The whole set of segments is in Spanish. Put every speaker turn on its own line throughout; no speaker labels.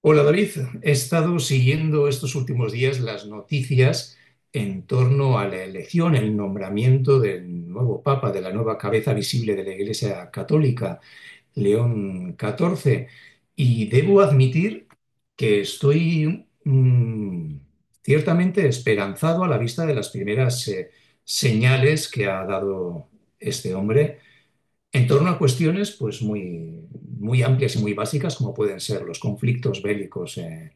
Hola David, he estado siguiendo estos últimos días las noticias en torno a la elección, el nombramiento del nuevo Papa, de la nueva cabeza visible de la Iglesia Católica, León XIV, y debo admitir que estoy ciertamente esperanzado a la vista de las primeras señales que ha dado este hombre en torno a cuestiones pues muy amplias y muy básicas como pueden ser los conflictos bélicos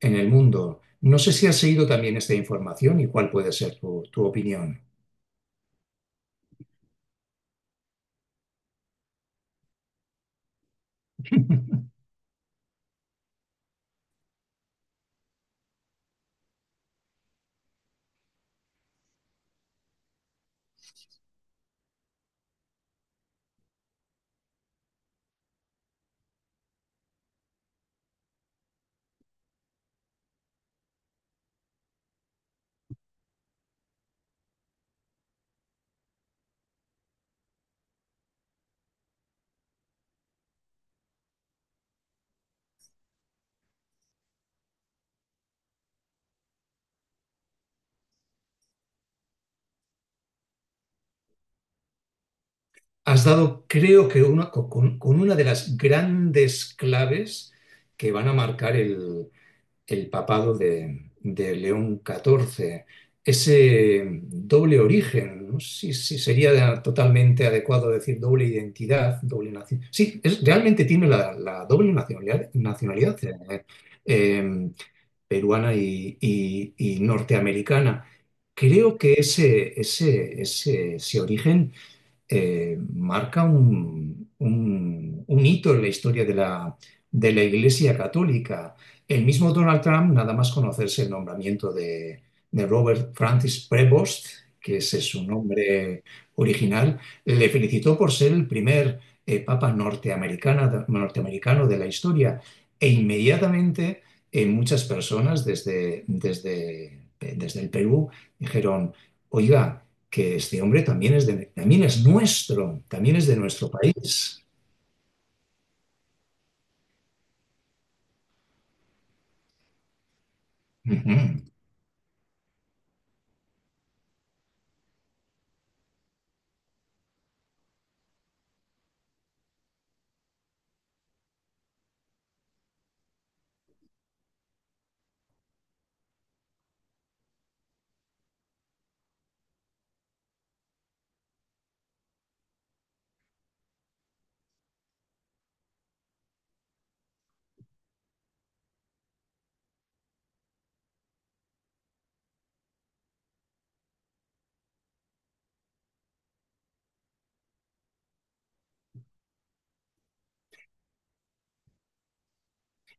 en el mundo. No sé si has seguido también esta información y cuál puede ser tu opinión. Has dado, creo que una, con una de las grandes claves que van a marcar el papado de León XIV. Ese doble origen, no sé si sería totalmente adecuado decir doble identidad, doble nación. Sí, realmente tiene la doble nacionalidad, eh, peruana y norteamericana. Creo que ese origen marca un hito en la historia de de la Iglesia Católica. El mismo Donald Trump, nada más conocerse el nombramiento de Robert Francis Prevost, que ese es su nombre original, le felicitó por ser el primer papa norteamericano de la historia e inmediatamente muchas personas desde el Perú dijeron, oiga, que este hombre también también es nuestro, también es de nuestro país. Uh -huh.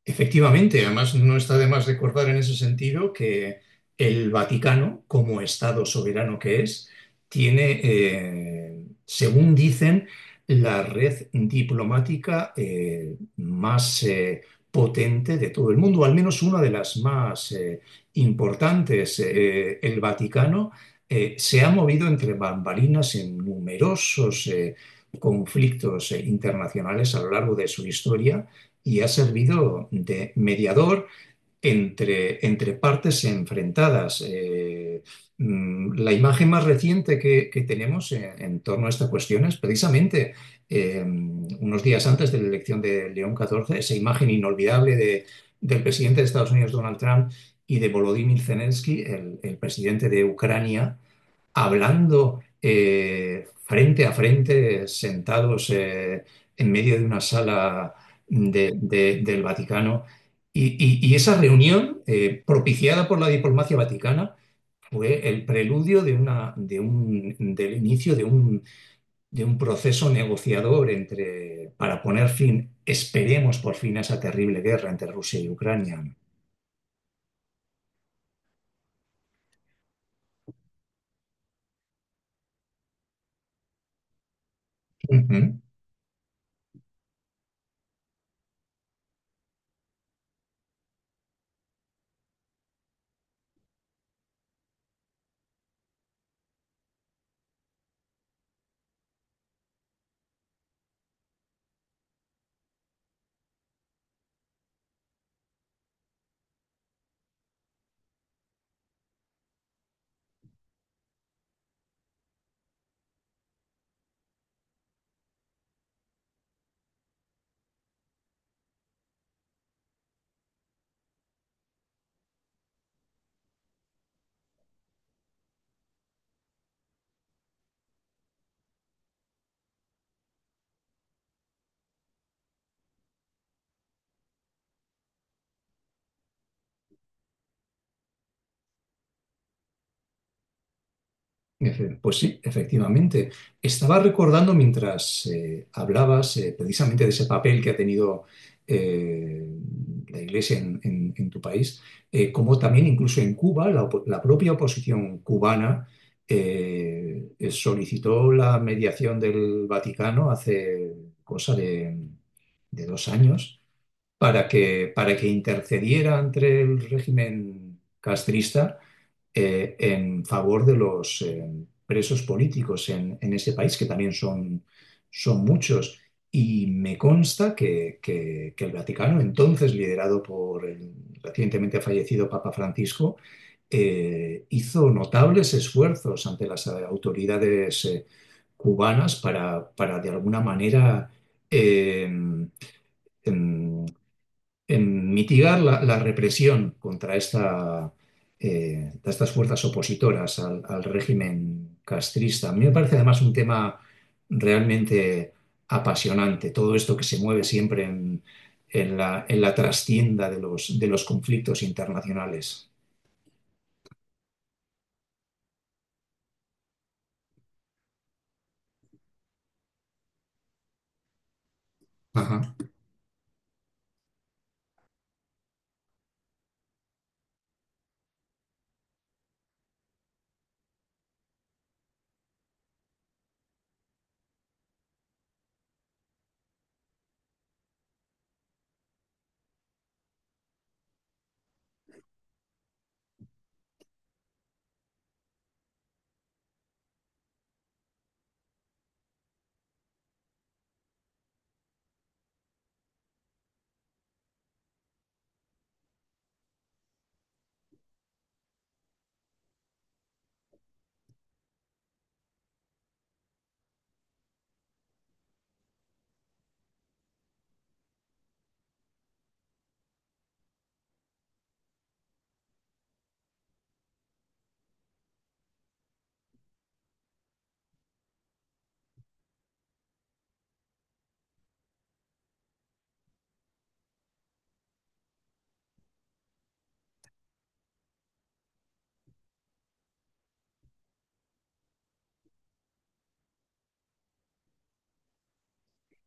Efectivamente, además no está de más recordar en ese sentido que el Vaticano, como Estado soberano que es, tiene, según dicen, la red diplomática más potente de todo el mundo, al menos una de las más importantes. El Vaticano se ha movido entre bambalinas en numerosos conflictos internacionales a lo largo de su historia y ha servido de mediador entre partes enfrentadas. La imagen más reciente que tenemos en torno a esta cuestión es precisamente unos días antes de la elección de León XIV, esa imagen inolvidable del presidente de Estados Unidos, Donald Trump, y de Volodymyr Zelensky, el presidente de Ucrania, hablando frente a frente, sentados en medio de una sala del Vaticano. Y esa reunión, propiciada por la diplomacia vaticana, fue el preludio de del inicio de de un proceso negociador entre, para poner fin, esperemos por fin, a esa terrible guerra entre Rusia y Ucrania. Ujú. Pues sí, efectivamente. Estaba recordando mientras hablabas precisamente de ese papel que ha tenido eh, la Iglesia en tu país, como también incluso en Cuba, la propia oposición cubana solicitó la mediación del Vaticano hace cosa de, de dos años para que intercediera entre el régimen castrista en favor de los presos políticos en ese país, que también son muchos. Y me consta que el Vaticano, entonces liderado por el recientemente fallecido Papa Francisco, hizo notables esfuerzos ante las autoridades cubanas para, de alguna manera eh, em, en mitigar la represión contra esta, de estas fuerzas opositoras al régimen castrista. A mí me parece además un tema realmente apasionante, todo esto que se mueve siempre en en la trastienda de de los conflictos internacionales. Ajá.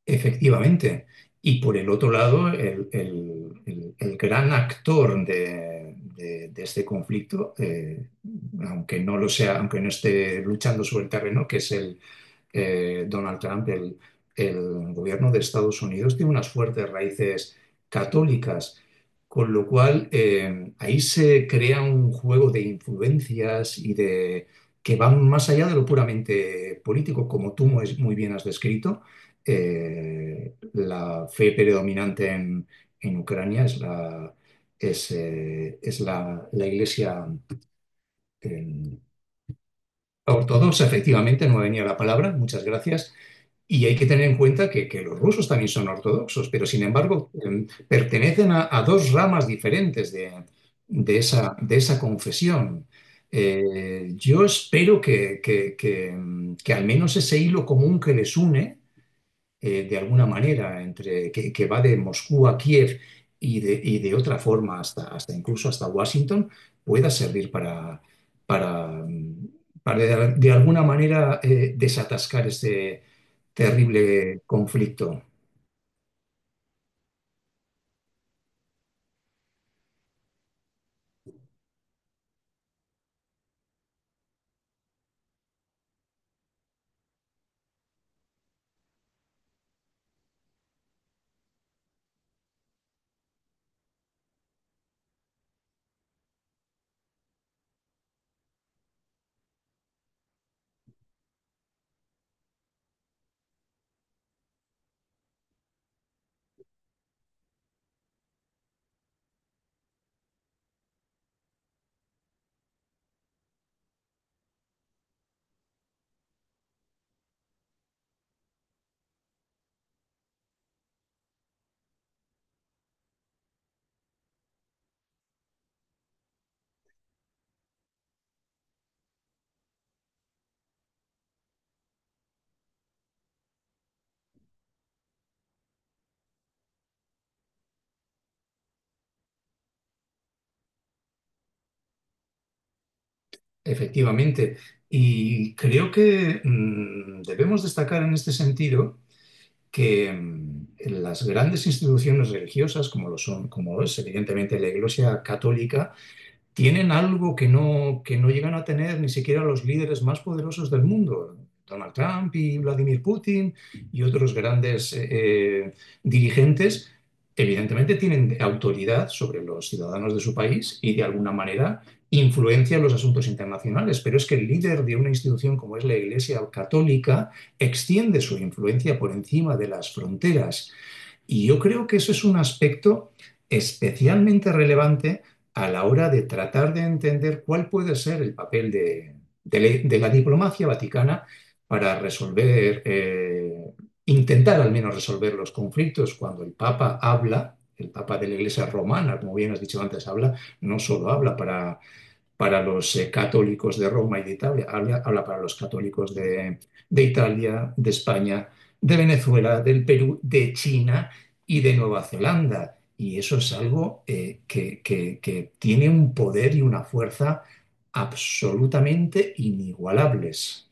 Efectivamente. Y por el otro lado, el gran actor de este conflicto, aunque no lo sea, aunque no esté luchando sobre el terreno, que es Donald Trump, el gobierno de Estados Unidos, tiene unas fuertes raíces católicas, con lo cual ahí se crea un juego de influencias y de que van más allá de lo puramente político, como tú muy muy bien has descrito. La fe predominante en Ucrania es es la iglesia eh, ortodoxa, efectivamente, no me venía la palabra, muchas gracias, y hay que tener en cuenta que los rusos también son ortodoxos, pero sin embargo pertenecen a dos ramas diferentes de de esa confesión. Yo espero que al menos ese hilo común que les une de alguna manera, que va de Moscú a Kiev y de otra forma hasta incluso hasta Washington, pueda servir para, mm, para de alguna manera desatascar este terrible conflicto. Efectivamente. Y creo que debemos destacar en este sentido que mm, las grandes instituciones religiosas, como lo son, como es evidentemente la Iglesia Católica, tienen algo que no llegan a tener ni siquiera los líderes más poderosos del mundo. Donald Trump y Vladimir Putin y otros grandes dirigentes, evidentemente tienen autoridad sobre los ciudadanos de su país y de alguna manera influencian los asuntos internacionales. Pero es que el líder de una institución como es la Iglesia Católica extiende su influencia por encima de las fronteras y yo creo que eso es un aspecto especialmente relevante a la hora de tratar de entender cuál puede ser el papel de de la diplomacia vaticana para resolver, intentar al menos resolver los conflictos cuando el Papa habla. El Papa de la Iglesia Romana, como bien has dicho antes, habla, no solo habla para los católicos de Roma y de Italia, habla, habla para los católicos de Italia, de España, de Venezuela, del Perú, de China y de Nueva Zelanda. Y eso es algo que tiene un poder y una fuerza absolutamente inigualables.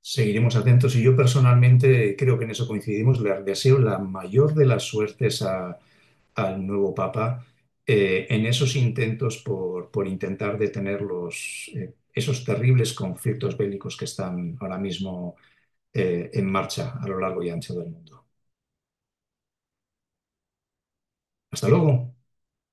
Seguiremos atentos y yo personalmente creo que en eso coincidimos. Les deseo la mayor de las suertes al nuevo Papa en esos intentos por intentar detener esos terribles conflictos bélicos que están ahora mismo en marcha a lo largo y ancho del mundo. Hasta luego.